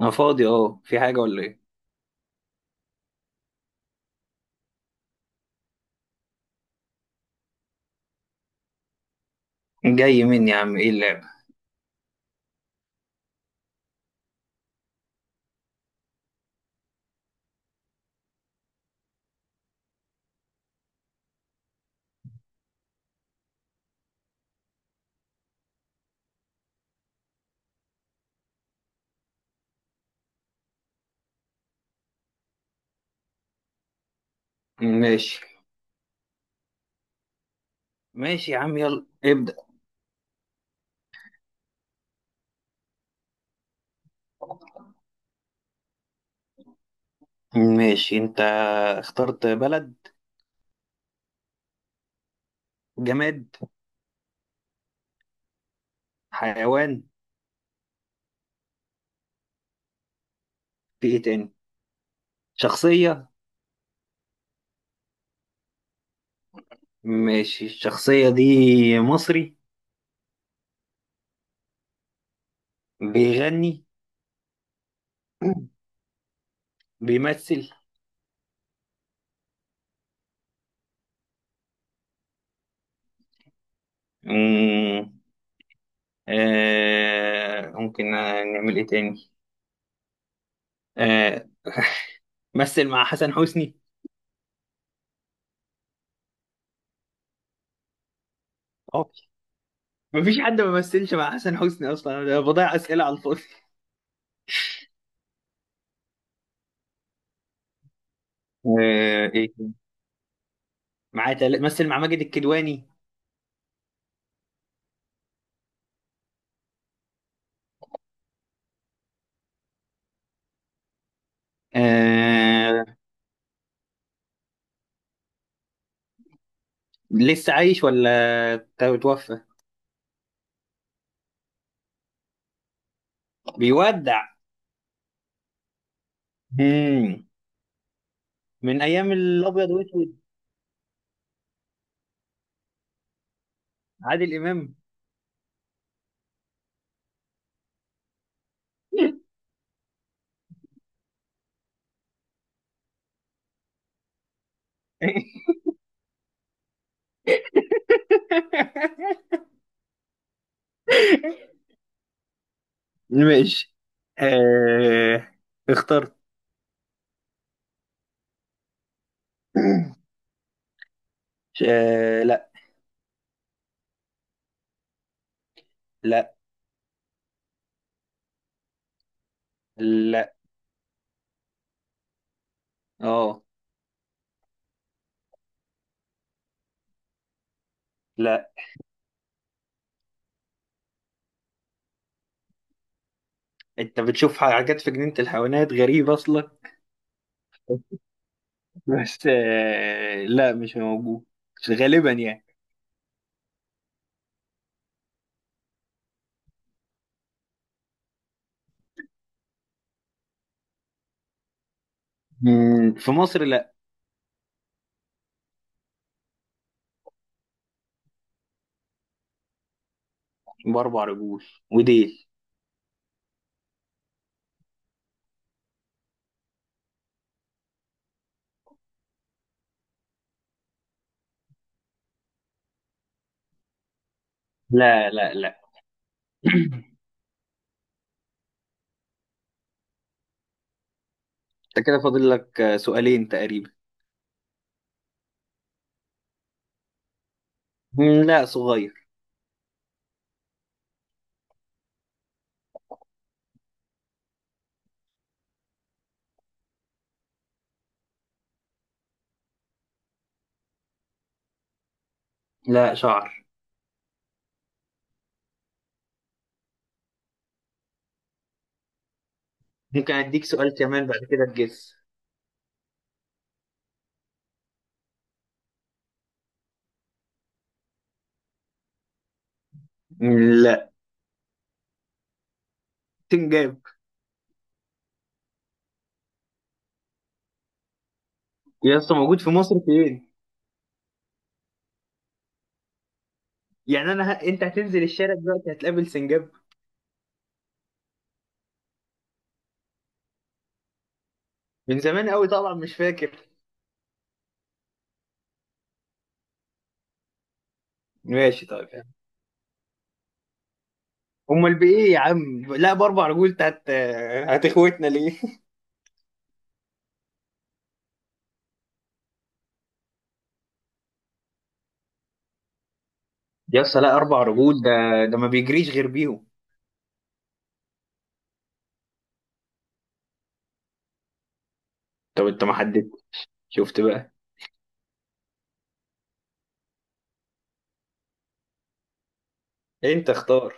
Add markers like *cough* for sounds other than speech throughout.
انا فاضي، اه، في حاجة ولا ايه؟ جاي مني يا عم، ايه اللعبة؟ ماشي، ماشي يا عم، يلا ابدأ. ماشي، انت اخترت؟ بلد؟ جماد؟ حيوان؟ في ايه تاني؟ شخصية؟ ماشي، الشخصية دي مصري؟ بيغني؟ بيمثل؟ مم. آه، ممكن نعمل ايه تاني؟ آه. مثل مع حسن حسني. اه، مفيش حد ما مثلش مع حسن حسني اصلا، انا بضيع اسئله على الفاضي. آه، ايه؟ معاه مثل مع ماجد الكدواني. آه... لسه عايش ولا؟ توفى؟ بيودع؟ مم. من ايام الابيض واسود؟ عادل امام. *laughs* ماشي، آه... اخترت. لا. لا، لا، اه، لا، انت بتشوف حاجات في جنينة الحيوانات غريبة اصلا. بس، لا مش موجود، غالبا يعني. مم. في مصر لا. باربع رجول. وديل. لا، لا، لا. *clears throat* انت كده فاضل لك سؤالين تقريبا. مم، لا، صغير. لا، شعر. ممكن اديك سؤال كمان بعد كده تجس. مم، لا. سنجاب. يا اسطى، موجود في مصر فين؟ يعني انا انت هتنزل الشارع دلوقتي هتقابل سنجاب؟ من زمان قوي، طبعا مش فاكر. ماشي، طيب. امال بايه يا عم؟ لا، باربع رجول تحت. هتخوتنا ليه؟ *laughs* يا اسطى، لا، اربع رجول ده. ده ما بيجريش غير بيهم. طب انت ما حددت. شفت بقى. انت اختار.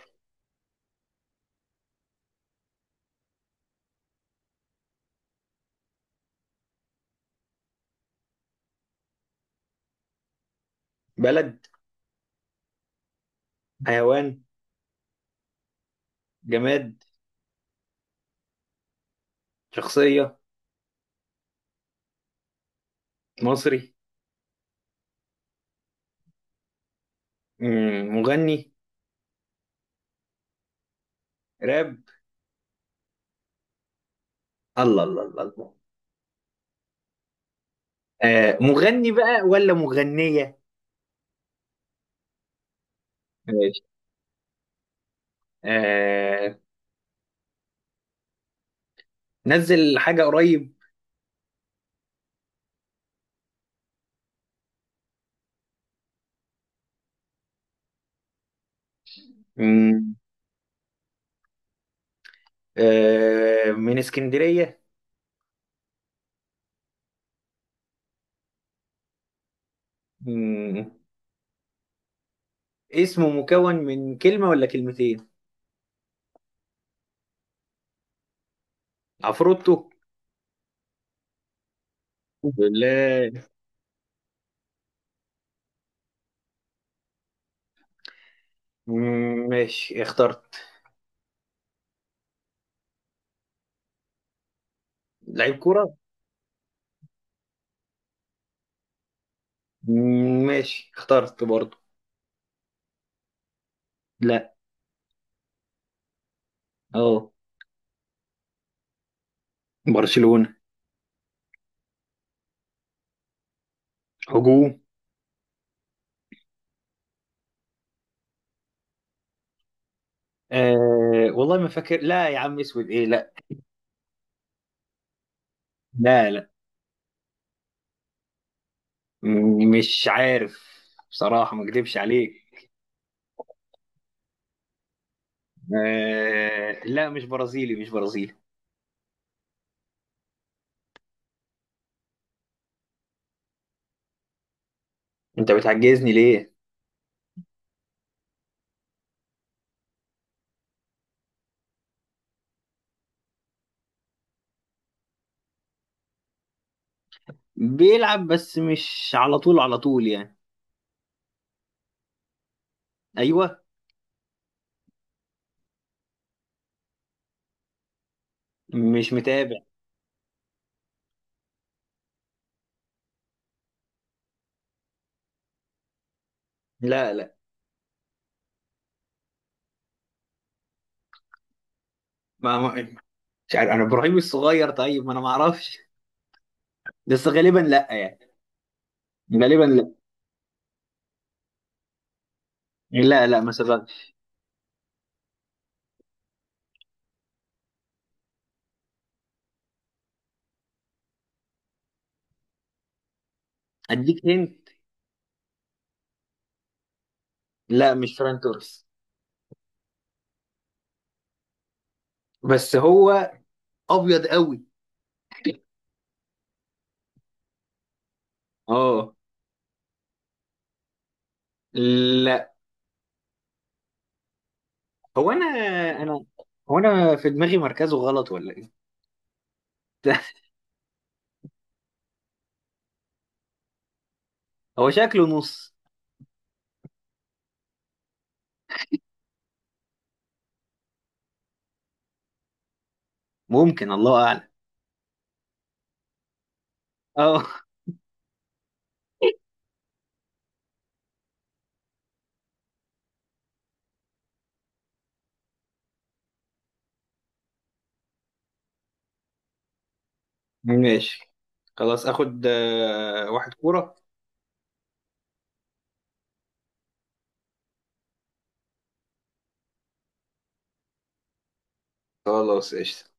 بلد؟ حيوان؟ جماد؟ شخصية؟ مصري؟ مم، مغني؟ راب؟ الله الله الله الله. آه، مغني بقى ولا مغنية؟ ماشي. آه. نزل حاجة قريب؟ مم. آه، من اسكندرية؟ مم. اسمه مكون من كلمة ولا كلمتين؟ عفروتو. بالله. مم، ماشي، اخترت. لعيب كرة؟ مم، ماشي، اخترت برضه. لا. اه. برشلونة؟ هجوم؟ آه، والله ما فاكر، لا يا عم اسود ايه؟ لا. لا، لا، مش عارف، بصراحة ما اكدبش عليك. آه، لا مش برازيلي، مش برازيلي. انت بتعجزني ليه؟ بيلعب، بس مش على طول على طول يعني. ايوه. مش متابع. لا، لا، ما مش عارف انا، ابراهيم الصغير، طيب ما انا ما اعرفش، بس غالبا لا يعني. غالبا لا. لا، لا ما سبقش. اديك هنت. لا مش فران توريس. بس هو ابيض قوي. اه. لا. هو انا انا هو انا في دماغي مركزه غلط ولا إيه؟ *laughs* هو شكله نص. ممكن، الله اعلم. اه. ماشي. خلاص اخد واحد كورة. خلاص، قشطة.